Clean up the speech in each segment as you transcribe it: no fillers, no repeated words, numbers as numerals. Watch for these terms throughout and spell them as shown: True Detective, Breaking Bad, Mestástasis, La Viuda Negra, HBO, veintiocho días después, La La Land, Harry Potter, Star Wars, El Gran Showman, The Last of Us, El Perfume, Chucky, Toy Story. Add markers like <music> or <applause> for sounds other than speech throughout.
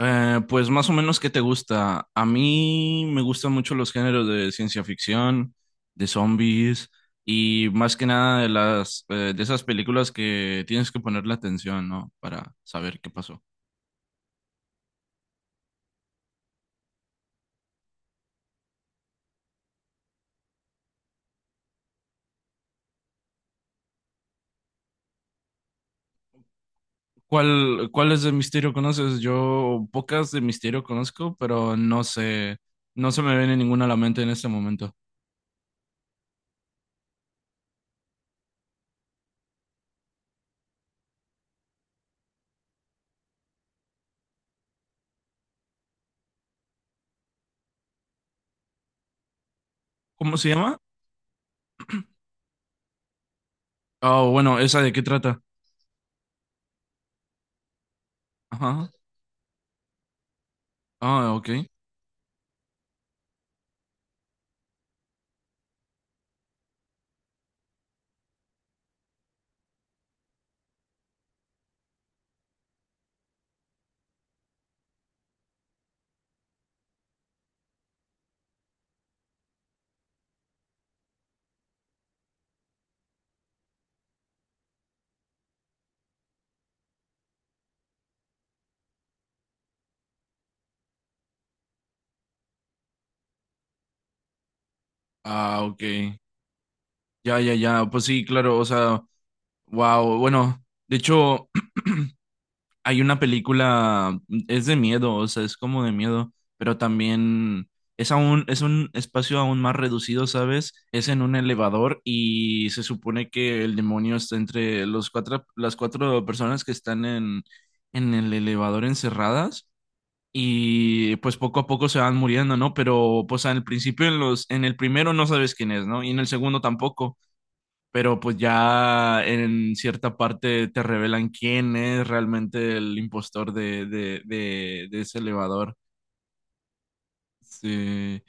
Pues más o menos, ¿qué te gusta? A mí me gustan mucho los géneros de ciencia ficción, de zombies y más que nada de las de esas películas que tienes que ponerle atención, ¿no? Para saber qué pasó. ¿Cuáles de misterio conoces? Yo pocas de misterio conozco, pero no sé, no se me viene ninguna a la mente en este momento. ¿Cómo se llama? Ah, bueno, ¿esa de qué trata? Ajá. Ah, ok. Ah, ok. Ya, ya, ya. Pues sí, claro, o sea. Wow, bueno, de hecho <clears throat> hay una película, es de miedo, o sea, es como de miedo, pero también es aún, es un espacio aún más reducido, ¿sabes? Es en un elevador y se supone que el demonio está entre las cuatro personas que están en el elevador encerradas y pues poco a poco se van muriendo, ¿no? Pero pues al principio en en el primero no sabes quién es, ¿no? Y en el segundo tampoco, pero pues ya en cierta parte te revelan quién es realmente el impostor de ese elevador. Sí.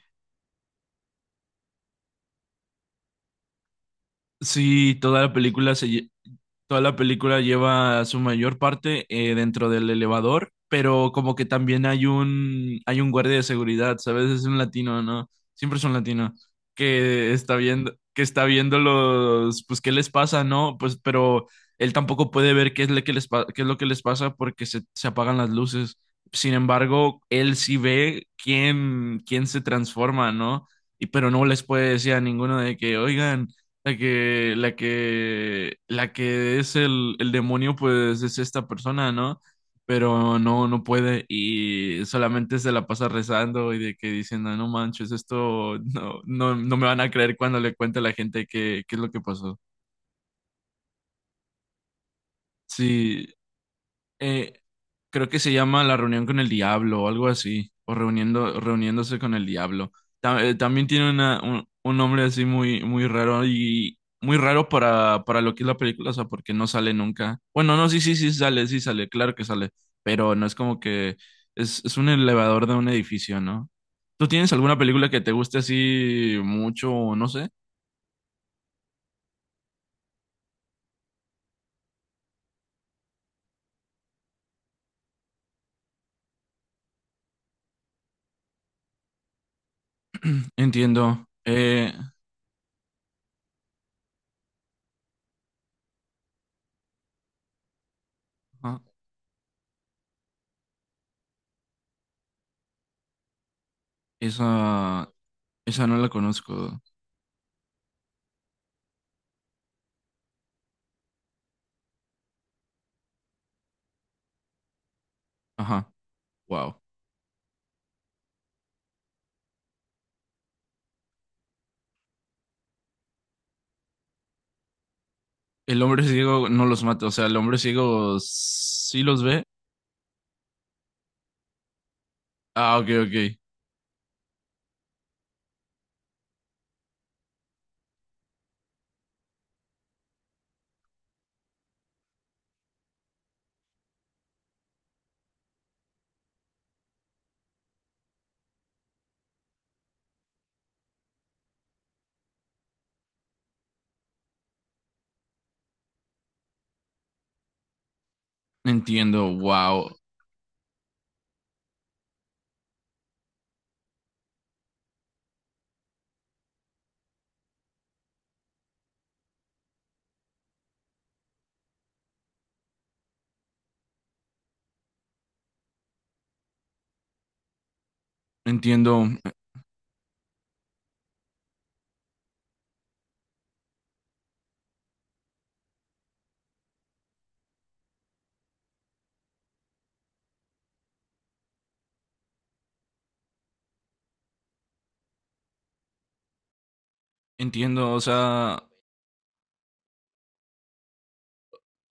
Sí, toda la película toda la película lleva su mayor parte dentro del elevador, pero como que también hay un guardia de seguridad, ¿sabes? Es un latino, ¿no? Siempre es un latino que está viendo, los pues qué les pasa, ¿no? Pues pero él tampoco puede ver qué es lo que qué es lo que les pasa porque se apagan las luces. Sin embargo, él sí ve quién quién se transforma, ¿no? Y pero no les puede decir a ninguno de que, "Oigan, la que es el demonio, pues es esta persona, ¿no? Pero no, no puede y solamente se la pasa rezando y de que diciendo, no manches, esto no, no, no me van a creer cuando le cuente a la gente qué, qué es lo que pasó. Sí. Eh, Creo que se llama La reunión con el diablo o algo así, o reuniendo, reuniéndose con el diablo. También tiene una, un nombre así muy, muy raro y muy raro para lo que es la película, o sea, porque no sale nunca. Bueno, no, sí, sí, sí sale, claro que sale, pero no es como que es un elevador de un edificio, ¿no? ¿Tú tienes alguna película que te guste así mucho o no sé? Entiendo. Ah, esa, esa no la conozco. Ajá, wow. El hombre ciego no los mata, o sea, el hombre ciego sí los ve. Ah, ok, ok. Entiendo, wow. Entiendo, o sea,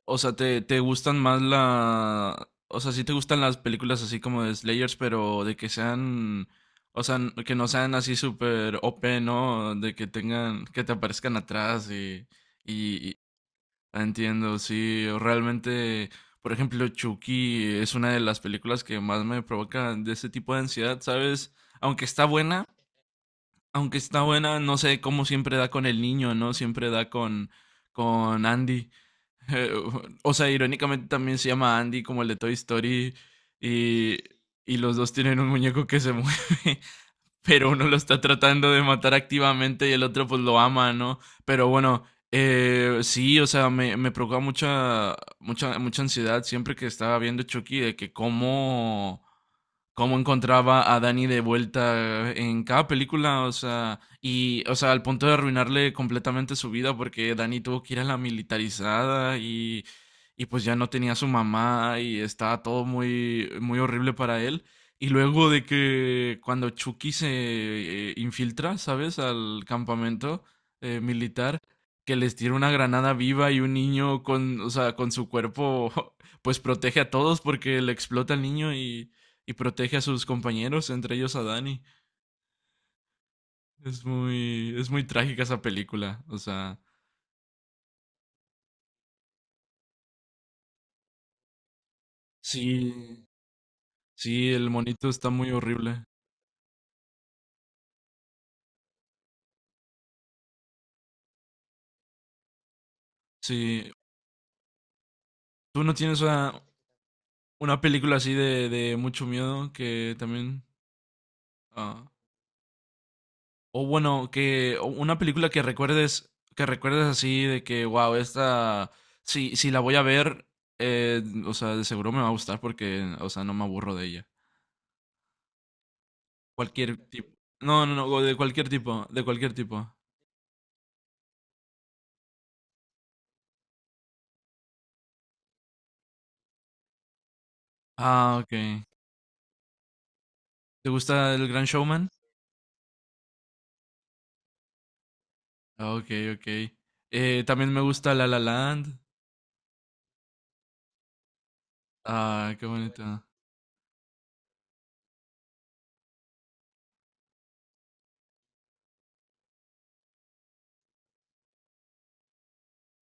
te, te gustan más la, o sea, sí te gustan las películas así como de Slayers, pero de que sean, o sea, n- que no sean así súper OP, ¿no? De que tengan, que te aparezcan atrás y, Entiendo, sí, realmente, por ejemplo, Chucky es una de las películas que más me provocan de ese tipo de ansiedad, ¿sabes? Aunque está buena, no sé cómo siempre da con el niño, ¿no? Siempre da con Andy. <laughs> Eh, o sea, irónicamente también se llama Andy como el de Toy Story y, y los dos tienen un muñeco que se mueve. <laughs> Pero uno lo está tratando de matar activamente y el otro pues lo ama, ¿no? Pero bueno, sí, o sea, me provoca mucha, mucha, mucha ansiedad siempre que estaba viendo Chucky de que cómo cómo encontraba a Danny de vuelta en cada película, o sea, o sea, al punto de arruinarle completamente su vida porque Danny tuvo que ir a la militarizada y pues ya no tenía a su mamá y estaba todo muy, muy horrible para él. Y luego de que cuando Chucky se infiltra, ¿sabes? Al campamento militar, que les tira una granada viva y un niño con, o sea, con su cuerpo, <laughs> pues protege a todos porque le explota al niño y protege a sus compañeros, entre ellos a Dani. Es muy trágica esa película. O sea, sí, sí, el monito está muy horrible. Sí, tú no tienes una película así de mucho miedo que también, ah, o bueno, que o una película que recuerdes así de que, wow, esta, si, si la voy a ver, o sea, de seguro me va a gustar porque, o sea, no me aburro de ella. Cualquier tipo. No, no, no, de cualquier tipo, de cualquier tipo. Ah, ok. ¿Te gusta El Gran Showman? Ah, ok, ok. También me gusta La La Land. Ah, qué bonito.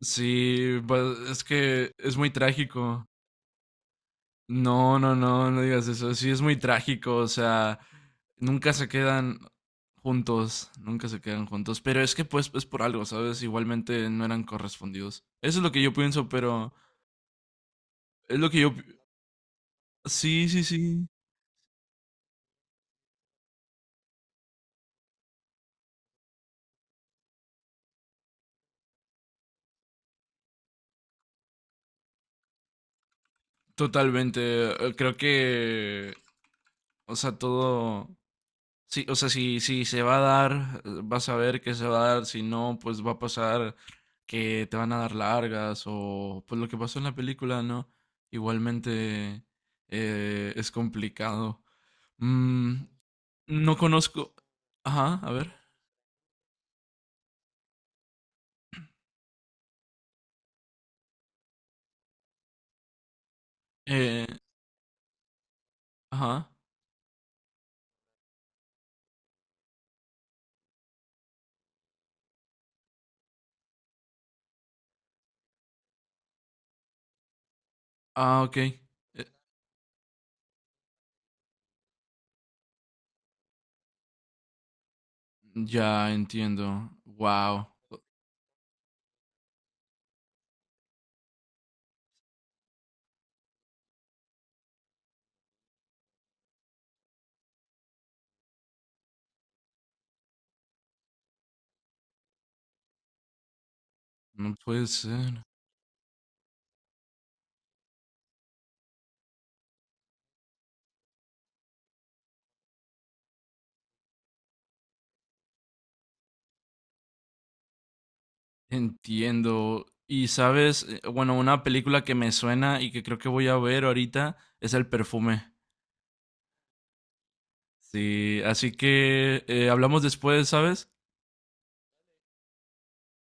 Sí, pues, es que es muy trágico. No, no, no, no digas eso. Sí, es muy trágico. O sea, nunca se quedan juntos, nunca se quedan juntos. Pero es que pues es por algo, ¿sabes? Igualmente no eran correspondidos. Eso es lo que yo pienso, pero es lo que Sí, sí, sí. Totalmente. Creo O sea, Sí, o sea, si, si se va a dar, vas a ver que se va a dar, si no, pues va a pasar que te van a dar largas o pues lo que pasó en la película, ¿no? Igualmente es complicado. Mm, no conozco... Ajá, a ver. Eh, ajá. Ah, ok. Ya entiendo. Wow. No puede ser. Entiendo. Y sabes, bueno, una película que me suena y que creo que voy a ver ahorita es El Perfume. Sí, así que hablamos después, ¿sabes?